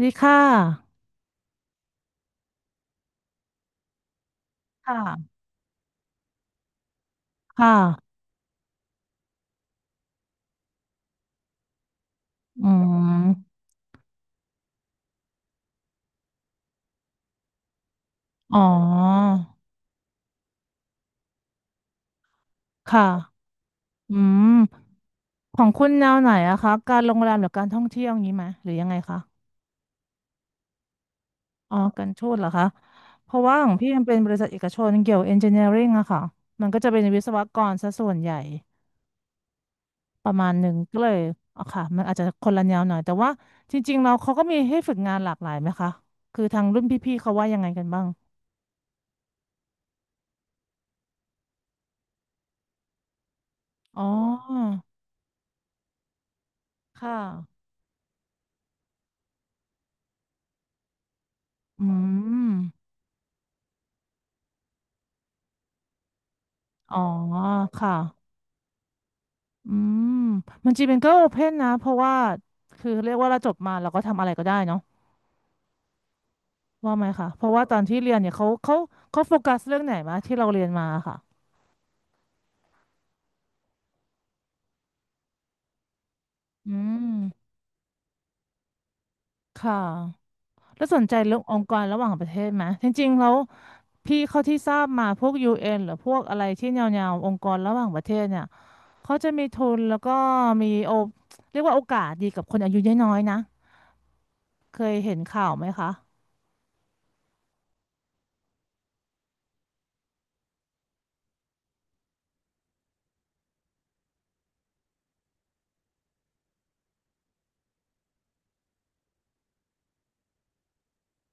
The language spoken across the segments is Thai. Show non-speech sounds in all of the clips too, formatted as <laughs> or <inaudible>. ดีค่ะค่ะ ค่ะอืมอ๋อ ค่ะ อืม ของคุณแนวไหนอะคะ การโรงแรมหรือการท่องเที่ยวอย่างนี้ไหมหรือยังไงคะ อ๋อการทูตเหรอคะ เพราะว่าของพี่มันเป็นบริษัทเอกชนเกี่ยวเอนจิเนียริงอะค่ะ มันก็จะเป็นวิศวกรซะส่วนใหญ่ประมาณหนึ่งก็เลยอ๋อค่ะ มันอาจจะคนละแนวหน่อยแต่ว่าจริงๆเราเขาก็มีให้ฝึกงานหลากหลายไหมคะคือทางรุ่นพี่ๆเขาว่ายังไงกันบ้างอ๋อค่ะอืม อ๋อค่ะอืมมันจริงเป็นก็โอเพนนะเพราะว่าคือเรียกว่าเราจบมาเราก็ทำอะไรก็ได้เนาะว่าไหมคะเพราะว่าตอนที่เรียนเนี่ยเขาเขาโฟกัสเรื่องไหนมาที่เราเรียนมาค่ะอืมค่ะแล้วสนใจเรื่ององค์กรระหว่างประเทศไหมจริงๆแล้วพี่เขาที่ทราบมาพวกยูเอ็นหรือพวกอะไรที่แนวๆองค์กรระหว่างประเทศเนี่ยเขาจะมีทุนแล้วก็มีโอเรียกว่าโอกาสดีกับคนอายุน้อยๆนะเคยเห็นข่าวไหมคะ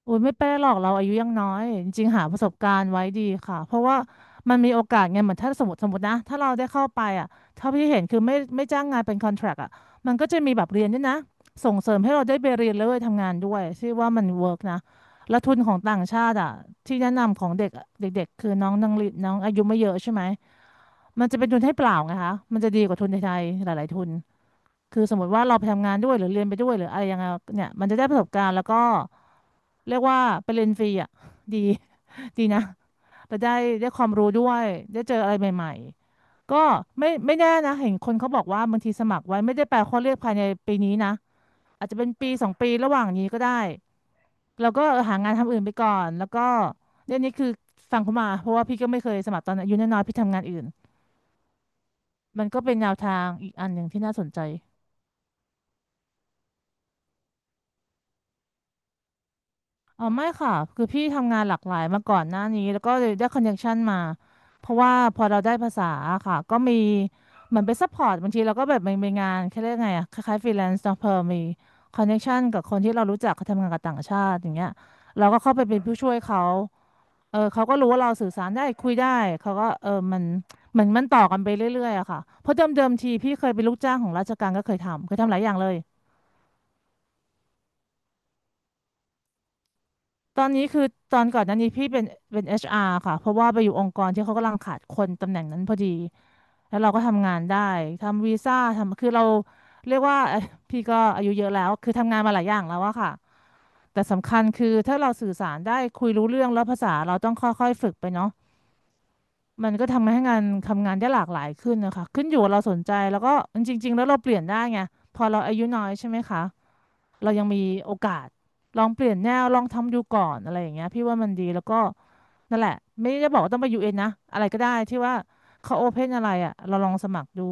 โอ้ยไม่เป็นไรหรอกเราอายุยังน้อยจริงๆหาประสบการณ์ไว้ดีค่ะเพราะว่ามันมีโอกาสไงเหมือนถ้าสมมตินะถ้าเราได้เข้าไปอ่ะเท่าที่เห็นคือไม่จ้างงานเป็นคอนแทรคอ่ะมันก็จะมีแบบเรียนด้วยนะส่งเสริมให้เราได้ไปเรียนแล้วไปทำงานด้วยชื่อว่ามันเวิร์กนะและทุนของต่างชาติอ่ะที่แนะนำของเด็กเด็กๆคือน้องนังลิน้องอายุไม่เยอะใช่ไหมมันจะเป็นทุนให้เปล่าไงคะมันจะดีกว่าทุนไทยๆหลายๆทุนคือสมมติว่าเราไปทำงานด้วยหรือเรียนไปด้วยหรืออะไรยังไงเนี่ยมันจะได้ประสบการณ์แล้วก็ เรียกว่าไปเรียนฟรีอ่ะดี <laughs> ดีนะไปได้ได้ความรู้ด้วยได้เจออะไรใหม่ๆก็ไม่แน่นะเห็นคนเขาบอกว่าบางทีสมัครไว้ไม่ได้แปลข้อเรียกภายในปีนี้นะอาจจะเป็นปีสองปีระหว่างนี้ก็ได้เราก็หางานทำอื่นไปก่อนแล้วก็เรื่องนี้คือฟังเขามาเพราะว่าพี่ก็ไม่เคยสมัครตอนอายุน้อยๆพี่ทำงานอื่นมันก็เป็นแนวทางอีกอันหนึ่งที่น่าสนใจ อ๋อไม่ค่ะคือพี่ทำงานหลากหลายมาก่อนหน้านี้แล้วก็เลยได้คอนเนคชันมาเพราะว่าพอเราได้ภาษาค่ะก็มีเหมือนไปซัพพอร์ตบางทีเราก็แบบมีงานแค่เรียกไงอะคล้ายๆฟรีแลนซ์เนาะเพอมีคอนเนคชันกับคนที่เรารู้จักเขาทำงานกับต่างชาติอย่างเงี้ยเราก็เข้าไปเป็นผู้ช่วยเขาเออเขาก็รู้ว่าเราสื่อสารได้คุยได้เขาก็เออมันเหมือนมันต่อกันไปเรื่อยๆอะค่ะเพราะเดิมๆทีพี่เคยเป็นลูกจ้างของราชการก็เคยทำหลายอย่างเลย ตอนนี้คือตอนก่อนหน้านี้พี่เป็น HR ค่ะเพราะว่าไปอยู่องค์กรที่เขากำลังขาดคนตำแหน่งนั้นพอดีแล้วเราก็ทำงานได้ทำวีซ่าทำคือเราเรียกว่า <laughs> พี่ก็อายุเยอะแล้วคือทำงานมาหลายอย่างแล้วอะค่ะแต่สำคัญคือถ้าเราสื่อสารได้คุยรู้เรื่องแล้วภาษาเราต้องค่อยๆฝึกไปเนาะมันก็ทำให้งานทำงานได้หลากหลายขึ้นนะคะขึ้นอยู่กับเราสนใจแล้วก็จริงๆแล้วเราเปลี่ยนได้ไงพอเราอายุน้อยใช่ไหมคะ เรายังมีโอกาสลองเปลี่ยนแนวลองทำดูก่อนอะไรอย่างเงี้ยพี่ว่ามันดีแล้วก็นั่นแหละไม่ได้บอกว่าต้องไปยูเอ็นนะอะไรก็ได้ที่ว่าเขาโอเพนอะไรอ่ะเราลองสมัครดู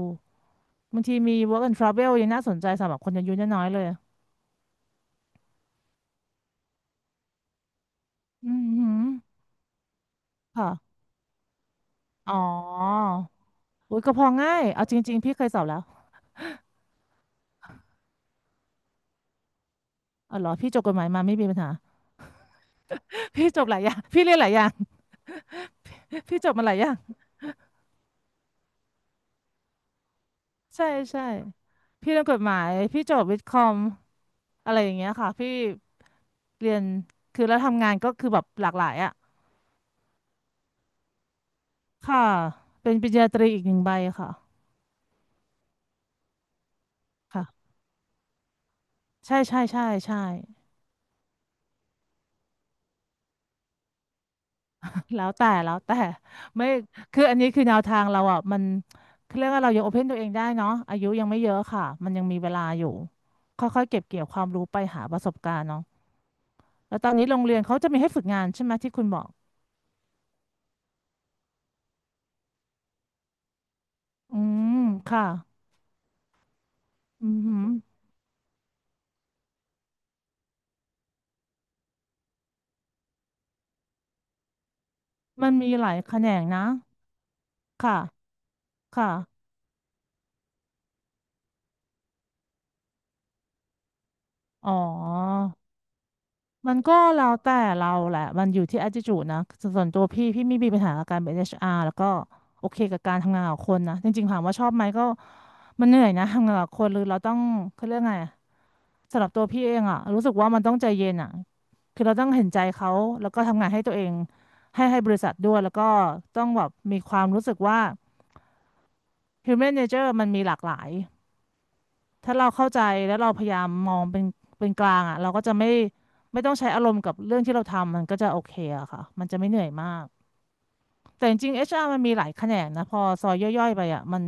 บางทีมี work and travel ยังน่าสนใจสำหรับคนอายุน้อยๆเลยอืมหืมค่ะอ๋ออุ้ยก็พอง่ายเอาจริงๆพี่เคยสอบแล้วอ๋อเหรอพี่จบกฎหมายมาไม่มีปัญหา <laughs> พี่จบหลายอย่างพี่เรียนหลายอย่าง <laughs> พี่จบมาหลายอย่างใช่ใช่พี่เรียนกฎหมายพี่จบวิทย์คอมอะไรอย่างเงี้ยค่ะพี่ เรียนคือแล้วทำงานก็คือแบบหลากหลายอ่ะค่ะเป็นปริญญาตรีอีกหนึ่งใบค่ะค่ะใช่ใช่ใช่ใช่ <laughs> แล้วแต่แล้วแต่ไม่คืออันนี้คือแนวทางเราอ่ะมันคือเรียกว่าเรายังโอเพนตัวเองได้เนาะอายุยังไม่เยอะค่ะมันยังมีเวลาอยู่ค่อยๆเก็บเกี่ยวความรู้ไปหาประสบการณ์เนาะแล้วตอนนี้โรงเรียนเขาจะมีให้ฝึกงานใช่ไหมที่คุณบอกอืมค่ะอือหือมันมีหลายแขนงนะค่ะค่ะอ๋อ มันก็แล้วแต่เราแหละมันอยู่ที่ attitude นะส่วนตัวพี่ไม่มีปัญหากับการเป็นเอชอาร์แล้วก็โอเคกับการทำงานกับคนนะจริงๆถามว่าชอบไหมก็มันเหนื่อยนะทำงานกับคนหรือเราต้องเขาเรียกไงอะสำหรับตัวพี่เองอะรู้สึกว่ามันต้องใจเย็นอะคือเราต้องเห็นใจเขาแล้วก็ทำงานให้ตัวเองให้บริษัทด้วยแล้วก็ต้องแบบมีความรู้สึกว่า human nature มันมีหลากหลาย ถ้าเราเข้าใจแล้วเราพยายามมองเป็นเป็นกลางอ่ะเราก็จะไม่ต้องใช้อารมณ์กับเรื่องที่เราทำมันก็จะโอเคอะค่ะมันจะไม่เหนื่อยมากแต่จริงๆ HR มันมีหลายแขนงนะพอซอยย่อยๆไปอ่ะมัน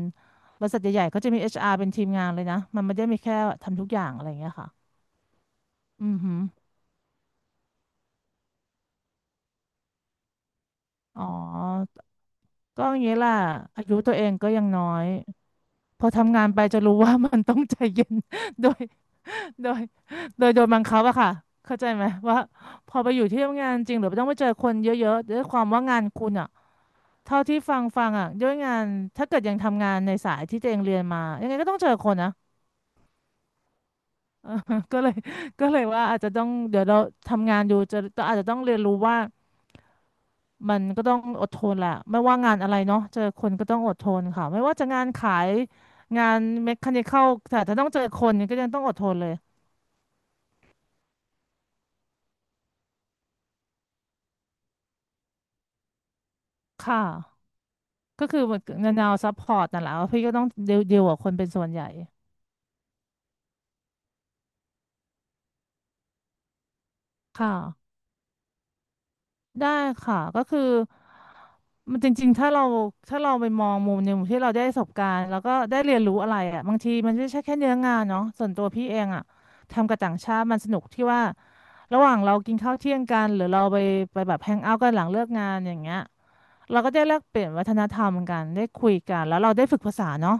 บริษัทใหญ่ๆก็จะมี HR เป็นทีมงานเลยนะมันไม่ได้มีแค่ทำทุกอย่างอะไรอย่างเงี้ยค่ะอือหืออ๋อก็อย่างนี้แหละอายุตัวเองก็ยังน้อยพอทำงานไปจะรู้ว่า <laughs> มันต้องใจเย็น <laughs> ด้วย โดย <laughs> โดยโดนบังคับอะค่ะเข้าใจไหมว่าพอไปอยู่ที่ทำงานจริงหรือต้องไปเจอคนเยอะๆด้วยความว่างานคุณอะเท่าที่ฟังอะด้วยงานถ้าเกิดยังทำงานในสายที่ตัวเองเรียนมายังไงก็ต้องเจอคนนะ <laughs> ก็เลย <laughs> ก็เลยว่าอาจจะต้องเดี๋ยวเราทำงานอยู่จะอาจจะต้องเรียนรู้ว่ามันก็ต้องอดทนแหละไม่ว่างานอะไรเนาะเจอคนก็ต้องอดทนค่ะไม่ว่าจะงานขายงานเมคานิคอลแต่ถ้าต้องเจอคนก็ยังต้องอดทนเลยค่ะ ก็คือเหมือนแนวซัพพอร์ตนั่นแหละว่าพี่ก็ต้องเดียวกับคนเป็นส่วนใหญ่ค่ะได้ค่ะก็คือมันจริงๆถ้าเราไปมองมุมหนึ่งที่เราได้ประสบการณ์แล้วก็ได้เรียนรู้อะไรอ่ะบางทีมันไม่ใช่แค่เนื้องานเนาะส่วนตัวพี่เองอ่ะทำกับต่างชาติมันสนุกที่ว่าระหว่างเรากินข้าวเที่ยงกันหรือเราไปแบบแฮงเอาท์กันหลังเลิกงานอย่างเงี้ยเราก็ได้แลกเปลี่ยนวัฒนธรรมกันได้คุยกันแล้วเราได้ฝึกภาษาเนาะ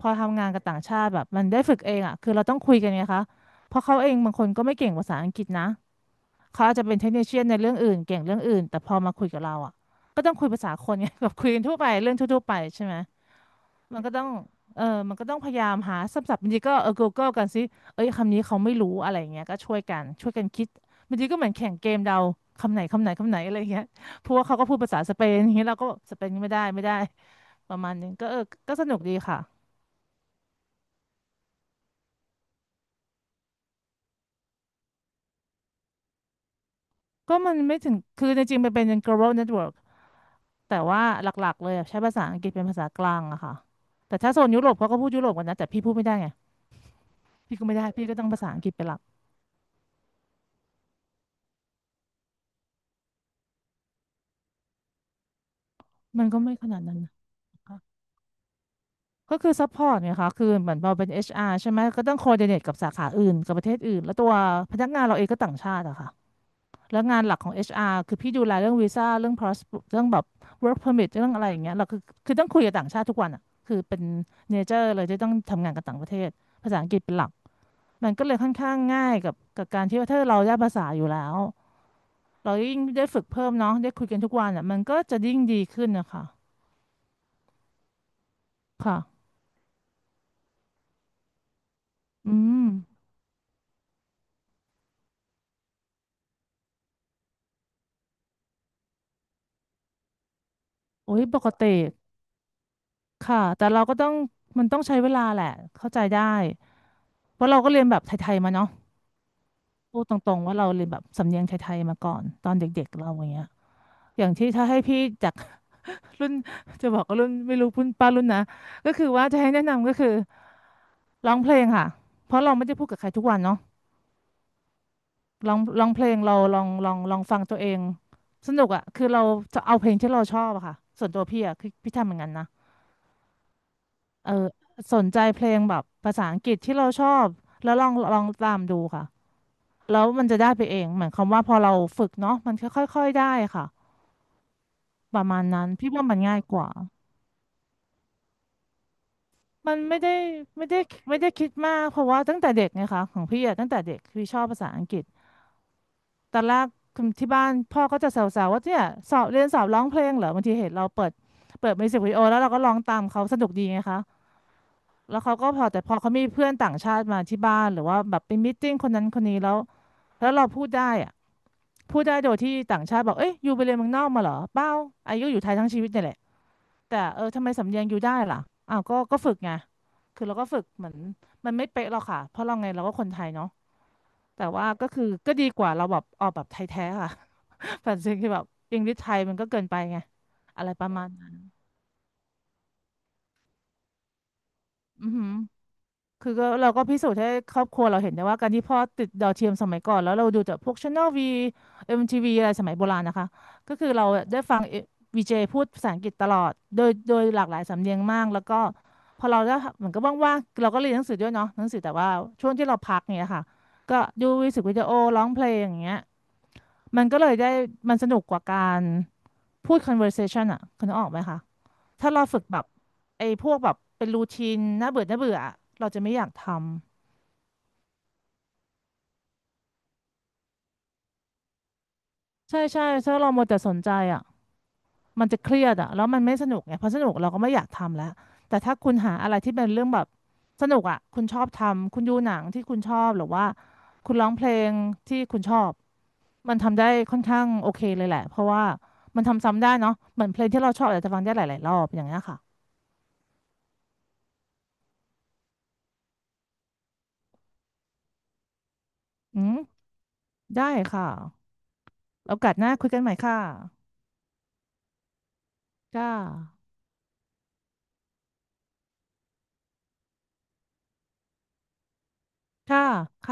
พอทำงานกับต่างชาติแบบมันได้ฝึกเองอ่ะคือเราต้องคุยกันไงคะเพราะเขาเองบางคนก็ไม่เก่งภาษาอังกฤษนะเขาอาจจะเป็นเทคนิคเชียนในเรื่องอื่นเก่งเรื่องอื่นแต่พอมาคุยกับเราอ่ะก็ต้องคุยภาษาคนไง <laughs> แบบคุยกันทั่วไปเรื่องทั่วๆไปใช่ไหมมันก็ต้องเออมันก็ต้องพยายามหาศัพท์บางทีก็เออ Google กันสิเอ้ยคำนี้เขาไม่รู้อะไรอย่างเงี้ยก็ช่วยกันคิดบางทีก็เหมือนแข่งเกมเดาคำไหนอะไรอย่างเงี้ยเพราะว่าเขาก็พูดภาษาสเปนอย่างเงี้ยเราก็สเปนไม่ได้ประมาณนึงก็เออก็สนุกดีค่ะ ก็มันไม่ถึง คือจริงๆมันเป็น global network แต่ว่าหลักๆเลยอะใช้ภาษาอังกฤษเป็นภาษากลางอะค่ะแต่ถ้าโซนยุโรปเขาก็พูดยุโรปกันนะแต่พี่พูดไม่ได้ไง พี่ก็ไม่ได้ พี่ก็ต้องภาษาอังกฤษเป็นหลัก มันก็ไม่ขนาดนั้นนะคะก็คือ support ไงคะคือเหมือนเราเป็น HR ใช่ไหม ก็ต้อง coordinate กับสาขาอื่น กับประเทศอื่นแล้วตัวพนักงานเราเองก็ต่างชาติอะค่ะแล้วงานหลักของ HR คือพี่ดูแลเรื่องวีซ่าเรื่อง pass เรื่องแบบ work permit เรื่องอะไรอย่างเงี้ยเราคือคือต้องคุยกับต่างชาติทุกวันอะคือเป็น nature เลยที่ต้องทำงานกับต่างประเทศภาษาอังกฤษเป็นหลัก มันก็เลยค่อนข้างง่ายกับการที่ว่าถ้าเราได้ภาษาอยู่แล้วเรายิ่งได้ฝึกเพิ่มเนาะได้คุยกันทุกวันอ่ะมันก็จะยิ่งดีขึ้นนะคะค่ะอืมโอ้ยปกติค่ะแต่เราก็ต้องมันต้องใช้เวลาแหละเข้าใจได้เพราะเราก็เรียนแบบไทยๆมาเนาะพูดตรงๆว่าเราเรียนแบบสำเนียงไทยๆมาก่อนตอนเด็กๆเราอย่างเงี้ยอย่างที่ถ้าให้พี่จาก <laughs> รุ่น <laughs> จะบอกว่ารุ่นไม่รู้รุ่นป้ารุ่นนะก็คือว่าจะให้แนะนำก็คือร้องเพลงค่ะเพราะเราไม่ได้พูดกับใครทุกวันเนาะ ร้องเพลงเราลองฟังตัวเองสนุกอ่ะคือเราจะเอาเพลงที่เราชอบอะค่ะส่วนตัวพี่อ่ะคือพี่ทำเหมือนกันนะเออสนใจเพลงแบบภาษาอังกฤษที่เราชอบแล้วลองตามดูค่ะแล้วมันจะได้ไปเองเหมือนคำว่าพอเราฝึกเนาะมันค่อยๆค่อยได้ค่ะประมาณนั้นพี่ว่ามันง่ายกว่ามันไม่ได้ไม่ได้ไม่ได้คิดมากเพราะว่าตั้งแต่เด็กไงคะของพี่อะตั้งแต่เด็กพี่ชอบภาษาอังกฤษ ตอนแรกคุณที่บ้านพ่อก็จะแซวๆว่าเนี่ยสอบเรียนสอบร้องเพลงเหรอบางทีเห็นเราเปิดมิวสิกวิดีโอแล้วเราก็ร้องตามเขาสนุกดีไงคะแล้วเขาก็พอแต่พอเขามีเพื่อนต่างชาติมาที่บ้านหรือว่าแบบไปมีตติ้งคนนั้นคนนี้แล้วเราพูดได้อะพูดได้โดยที่ต่างชาติบอกเอ้ยยูไปเรียนเมืองนอกมาเหรอเปล่าอายุอยู่ไทยทั้งชีวิตเนี่ยแหละแต่เออทำไมสำเนียงยูได้ล่ะอ้าวก็ฝึกไงคือเราก็ฝึกเหมือนมันไม่เป๊ะหรอกค่ะเพราะเราไงเราก็คนไทยเนาะแต่ว่าก็คือก็ดีกว่าเราแบบออกแบบไทยแท้ค่ะ แต่จริงคือแบบอิงดิชไทยมันก็เกินไปไงอะไรประมาณนั้นอือหือคือก็เราก็พิสูจน์ให้ครอบครัวเราเห็นได้ว่าการที่พ่อติดดาวเทียมสมัยก่อนแล้วเราดูจากพวก Channel V MTV อมทีวีอะไรสมัยโบราณนะคะก็คือเราได้ฟังวีเจพูดภาษาอังกฤษตลอดโดยหลากหลายสำเนียงมากแล้วก็พอเราได้เหมือนก็ว่างๆเราก็เรียนหนังสือด้วยเนาะหนังสือแต่ว่าช่วงที่เราพักเนี่ยค่ะก็ดูมิวสิกวิดีโอร้องเพลงอย่างเงี้ยมันก็เลยได้มันสนุกกว่าการพูด conversation อ่ะคุณนึกออกไหมคะ ถ้าเราฝึกแบบไอ้พวกแบบเป็นรูทีนน่าเบื่ออะเราจะไม่อยากทำใช่ใช่ถ้าเรามัวแต่สนใจอ่ะมันจะเครียดอ่ะแล้วมันไม่สนุกไงพอสนุกเราก็ไม่อยากทำแล้วแต่ถ้าคุณหาอะไรที่เป็นเรื่องแบบสนุกอ่ะคุณชอบทำคุณดูหนังที่คุณชอบหรือว่าคุณร้องเพลงที่คุณชอบมันทำได้ค่อนข้างโอเคเลยแหละเพราะว่ามันทำซ้ำได้เนาะเหมือนเพลงที่เราชอบอาจจะฟังได้หลายๆรอบอย่างเงี้ยค่ะอืมได้ค่ะโอกาสหน้าคุยกันใหม่ค่ะค่ะค่ะค่ะ